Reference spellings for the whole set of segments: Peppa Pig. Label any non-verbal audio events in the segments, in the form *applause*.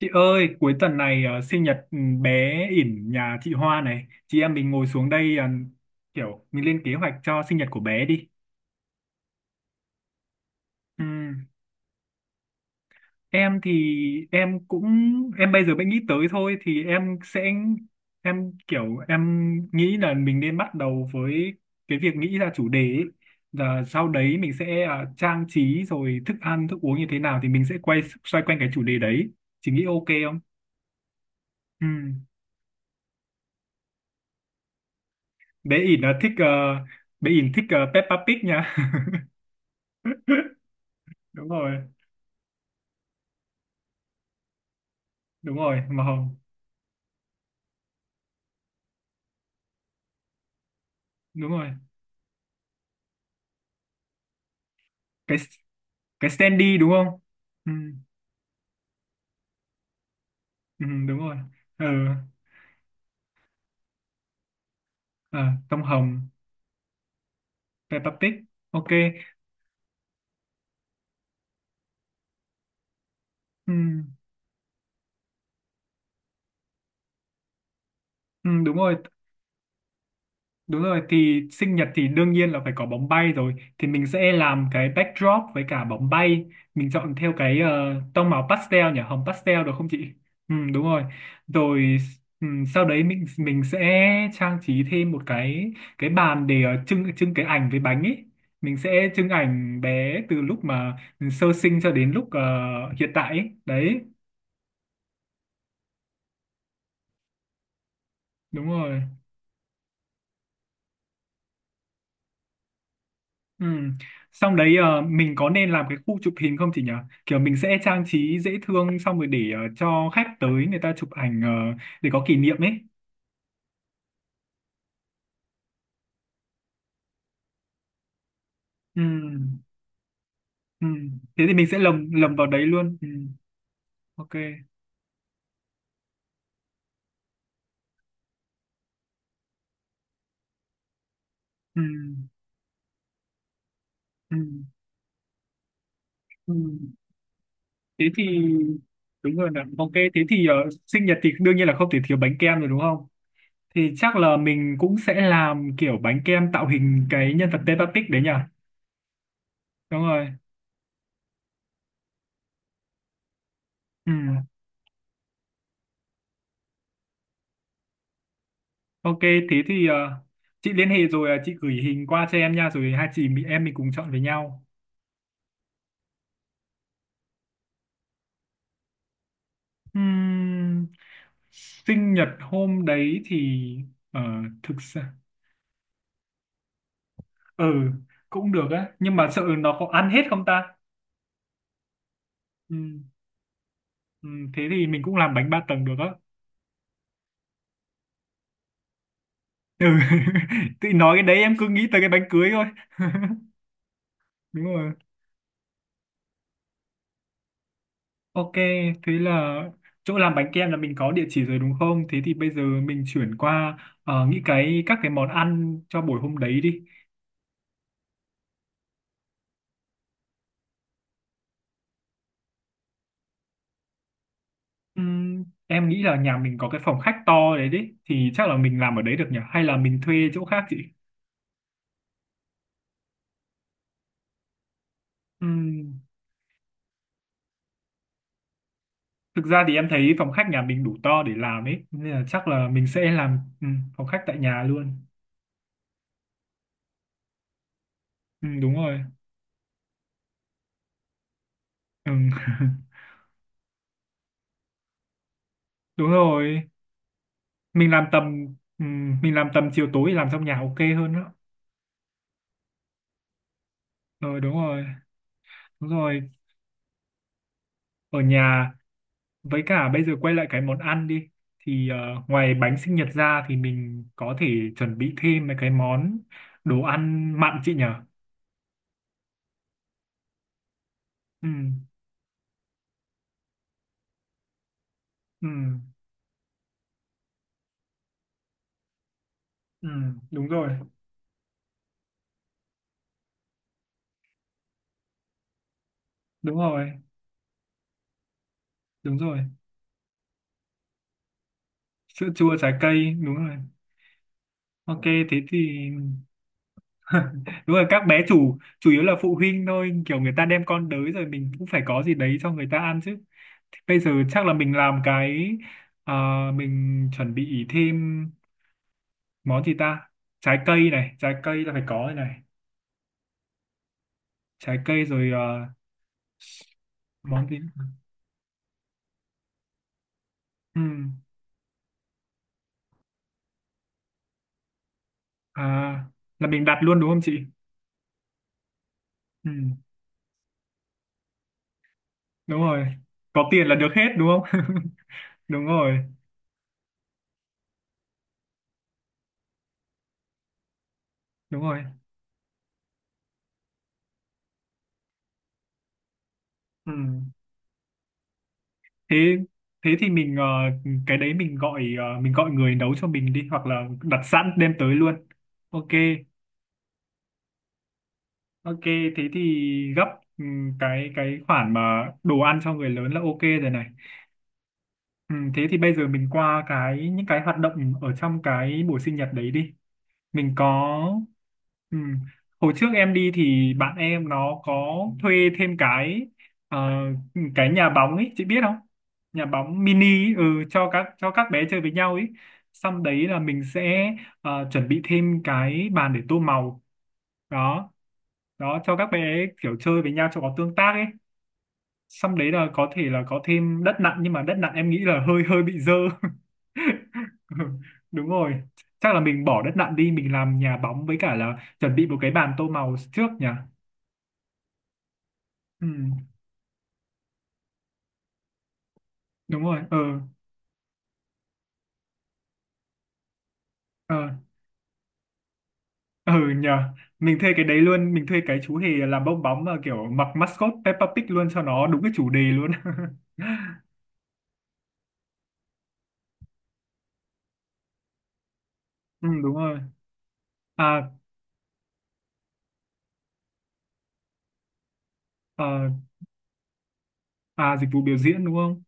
Chị ơi, cuối tuần này sinh nhật bé ỉn nhà chị Hoa này. Chị em mình ngồi xuống đây kiểu mình lên kế hoạch cho sinh nhật của bé đi. Ừm, em thì em cũng em bây giờ mới nghĩ tới thôi thì em sẽ em kiểu em nghĩ là mình nên bắt đầu với cái việc nghĩ ra chủ đề ấy. Và sau đấy mình sẽ trang trí rồi thức ăn, thức uống như thế nào thì mình sẽ xoay quanh cái chủ đề đấy. Chị nghĩ ok không? Ừm. Bé ỉn là thích ờ, Bé ỉn thích Peppa Pig nha. *laughs* Đúng rồi. Đúng rồi, màu hồng. Đúng rồi, cái cái Sandy đúng không? Ừ. Ừ, đúng rồi. Ừ. À, tông hồng. Peppa Pig. Ok. Ừ. Ừ, đúng rồi. Đúng rồi thì sinh nhật thì đương nhiên là phải có bóng bay, rồi thì mình sẽ làm cái backdrop với cả bóng bay. Mình chọn theo cái tông màu pastel nhỉ, hồng pastel được không chị? Ừ, đúng rồi. Rồi. Ừ. Sau đấy mình sẽ trang trí thêm một cái bàn để trưng trưng cái ảnh với bánh ấy. Mình sẽ trưng ảnh bé từ lúc mà sơ sinh cho đến lúc hiện tại ấy. Đấy. Đúng rồi. Ừ. Xong đấy mình có nên làm cái khu chụp hình không chị nhỉ? Kiểu mình sẽ trang trí dễ thương xong rồi để cho khách tới người ta chụp ảnh để có kỷ niệm ấy. Ừ. Ừ. Thế thì mình sẽ lồng lồng vào đấy luôn. Ừ. Ok. Ừ. Ừ. Ừ. Thế thì đúng rồi nè. Ok, thế thì sinh nhật thì đương nhiên là không thể thiếu bánh kem rồi đúng không? Thì chắc là mình cũng sẽ làm kiểu bánh kem tạo hình cái nhân vật Peppa Pig đấy nhỉ? Đúng rồi. Ừ. Ok, thế thì chị liên hệ rồi chị gửi hình qua cho em nha, rồi hai chị mình em mình cùng chọn với nhau. Ừm, sinh nhật hôm đấy thì ờ, thực ra ừ cũng được á, nhưng mà sợ nó có ăn hết không ta? Ừm, thế thì mình cũng làm bánh ba tầng được á. Ừ. *laughs* Tự nói cái đấy em cứ nghĩ tới cái bánh cưới thôi. *laughs* Đúng rồi. Ok, thế là chỗ làm bánh kem là mình có địa chỉ rồi đúng không? Thế thì bây giờ mình chuyển qua nghĩ các cái món ăn cho buổi hôm đấy đi. Em nghĩ là nhà mình có cái phòng khách to đấy đấy, thì chắc là mình làm ở đấy được nhỉ? Hay là mình thuê chỗ khác chị? Ừm, thực ra thì em thấy phòng khách nhà mình đủ to để làm ấy, nên là chắc là mình sẽ làm phòng khách tại nhà luôn. Đúng rồi. Ừm, *laughs* đúng rồi. Mình làm tầm mình làm tầm chiều tối làm trong nhà ok hơn đó. Rồi, đúng rồi. Đúng rồi, ở nhà. Với cả bây giờ quay lại cái món ăn đi thì ngoài bánh sinh nhật ra thì mình có thể chuẩn bị thêm mấy cái món đồ ăn mặn chị nhở? Ừ. Ừ. Ừ, đúng rồi. Đúng rồi. Đúng rồi, sữa chua, trái cây. Đúng rồi. Ok, thế thì *laughs* đúng rồi các bé chủ chủ yếu là phụ huynh thôi, kiểu người ta đem con đới rồi mình cũng phải có gì đấy cho người ta ăn chứ. Thì bây giờ chắc là mình làm cái ờ, mình chuẩn bị thêm món gì ta, trái cây này, trái cây là phải có rồi này, trái cây rồi, món gì? Ừ. À, là mình đặt luôn đúng không chị? Ừ. Đúng rồi, có tiền là được hết đúng không? *laughs* Đúng rồi. Đúng rồi. Ừ. thế thế thì mình ờ, cái đấy mình gọi ờ, mình gọi người nấu cho mình đi hoặc là đặt sẵn đem tới luôn. Ok. Ok, thế thì gấp cái khoản mà đồ ăn cho người lớn là ok rồi này. Ừ, thế thì bây giờ mình qua những cái hoạt động ở trong cái buổi sinh nhật đấy đi. Mình có ừ, hồi trước em đi thì bạn em nó có thuê thêm ờ, cái nhà bóng ấy, chị biết không? Nhà bóng mini ấy, cho các bé chơi với nhau ấy. Xong đấy là mình sẽ chuẩn bị thêm cái bàn để tô màu đó, cho các bé kiểu chơi với nhau cho có tương tác ấy. Xong đấy là có thể là có thêm đất nặn nhưng mà đất nặn em nghĩ là hơi hơi bị dơ. *laughs* Đúng rồi, chắc là mình bỏ đất nặn đi, mình làm nhà bóng với cả là chuẩn bị một cái bàn tô màu trước nhỉ. Ừ, đúng rồi. Ờ ờ ờ nhờ mình thuê cái đấy luôn, mình thuê cái chú hề làm bong bóng mà kiểu mặc mascot Peppa Pig luôn cho nó đúng cái chủ đề luôn. *laughs* Ừ, đúng rồi. À, à à dịch vụ biểu diễn đúng không?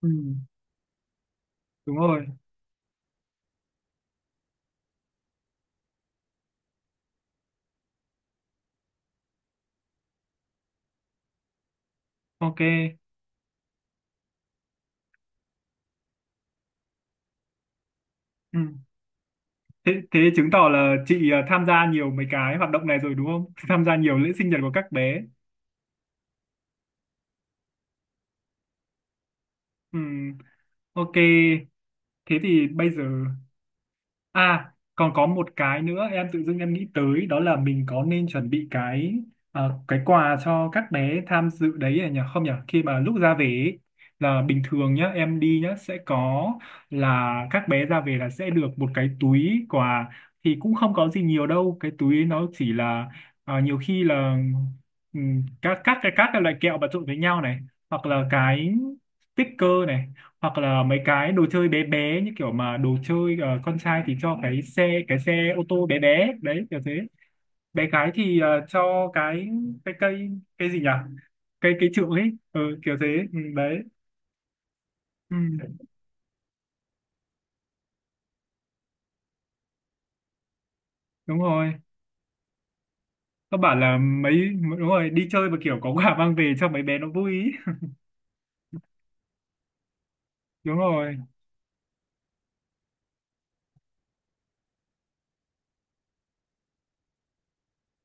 Ừ, đúng rồi. Ok. Ừ. thế thế chứng tỏ là chị à, tham gia nhiều mấy cái hoạt động này rồi đúng không? *laughs* Tham gia nhiều lễ sinh nhật của các bé. Ừm, ok. thế thì bây giờ À, còn có một cái nữa em tự dưng em nghĩ tới đó là mình có nên chuẩn bị cái cái quà cho các bé tham dự đấy à nhỉ? Không nhỉ? Khi mà lúc ra về ấy, là bình thường nhá, em đi nhá sẽ có, là các bé ra về là sẽ được một cái túi quà, thì cũng không có gì nhiều đâu, cái túi ấy nó chỉ là nhiều khi là các cái loại kẹo mà trộn với nhau này, hoặc là cái sticker này, hoặc là mấy cái đồ chơi bé bé như kiểu mà đồ chơi con trai thì cho cái xe ô tô bé bé đấy kiểu thế. Bé gái thì cho cái cây cây gì nhỉ, cây cây trượng ấy, kiểu thế. Ừ, đấy. Ừ, đúng rồi. Các bạn là mấy. Đúng rồi, đi chơi mà kiểu có quà mang về cho mấy bé nó vui ý. Đúng rồi.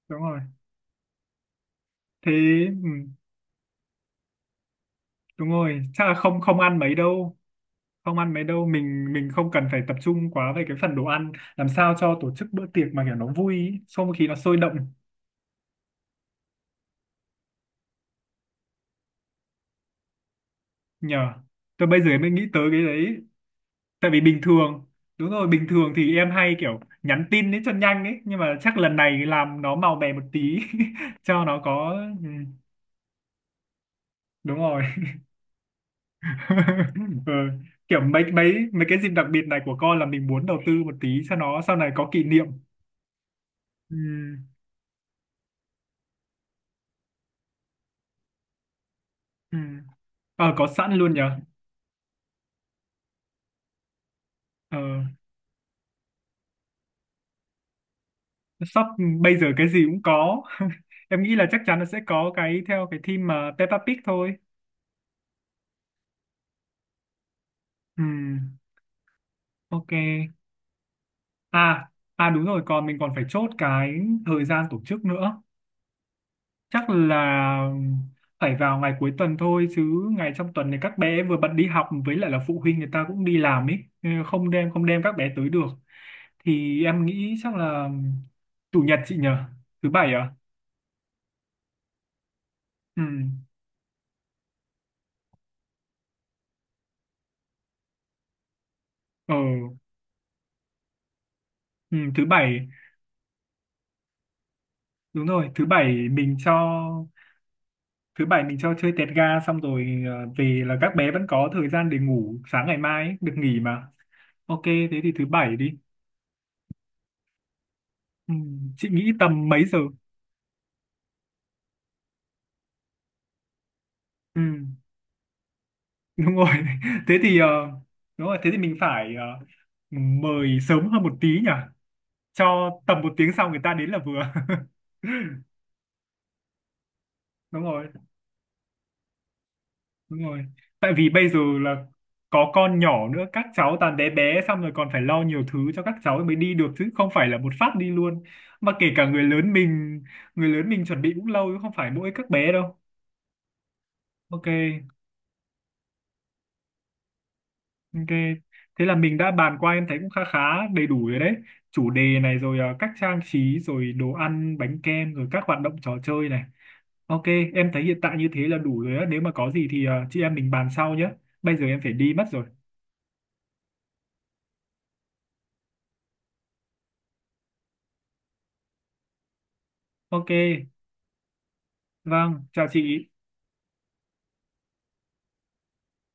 Đúng rồi. Thế. Ừ, đúng rồi chắc là không không ăn mấy đâu. Không ăn mấy đâu, mình không cần phải tập trung quá về cái phần đồ ăn, làm sao cho tổ chức bữa tiệc mà kiểu nó vui ý, không khí nó sôi động. Nhờ, tôi bây giờ mới nghĩ tới cái đấy, tại vì bình thường. Đúng rồi, bình thường thì em hay kiểu nhắn tin ấy cho nhanh ấy, nhưng mà chắc lần này làm nó màu mè một tí. *laughs* Cho nó có. Ừ, đúng rồi. *laughs* Ừ. Kiểu mấy mấy mấy cái dịp đặc biệt này của con là mình muốn đầu tư một tí cho nó sau này có kỷ niệm. Ừ. Ừ. Có sẵn luôn nhờ. Ờ shop bây giờ cái gì cũng có. *laughs* Em nghĩ là chắc chắn là sẽ có cái theo cái theme mà Peppa Pig thôi. Ừm, ok. À à đúng rồi, còn mình còn phải chốt cái thời gian tổ chức nữa. Chắc là phải vào ngày cuối tuần thôi chứ ngày trong tuần này các bé vừa bận đi học với lại là phụ huynh người ta cũng đi làm ấy nên không đem các bé tới được. Thì em nghĩ chắc là chủ nhật chị nhờ? Thứ bảy à? Ừ. ờ ừ, thứ bảy. Đúng rồi, thứ bảy mình cho chơi tẹt ga xong rồi về là các bé vẫn có thời gian để ngủ sáng ngày mai ấy, được nghỉ mà. Ok, thế thì thứ bảy đi. Ừ, chị nghĩ tầm mấy giờ? Ừ, đúng rồi. *laughs* Thế thì đúng rồi thế thì mình phải mời sớm hơn một tí nhỉ. Cho tầm một tiếng sau người ta đến là vừa. *laughs* Đúng rồi. Đúng rồi, tại vì bây giờ là có con nhỏ nữa, các cháu toàn bé bé, xong rồi còn phải lo nhiều thứ cho các cháu mới đi được chứ không phải là một phát đi luôn. Mà kể cả người lớn mình chuẩn bị cũng lâu chứ không phải mỗi các bé đâu. Ok. Ok, thế là mình đã bàn qua em thấy cũng khá khá đầy đủ rồi đấy. Chủ đề này rồi, à, cách trang trí rồi đồ ăn bánh kem rồi các hoạt động trò chơi này. Ok. Em thấy hiện tại như thế là đủ rồi á, nếu mà có gì thì à, chị em mình bàn sau nhé. Bây giờ em phải đi mất rồi. Ok. Vâng, chào chị.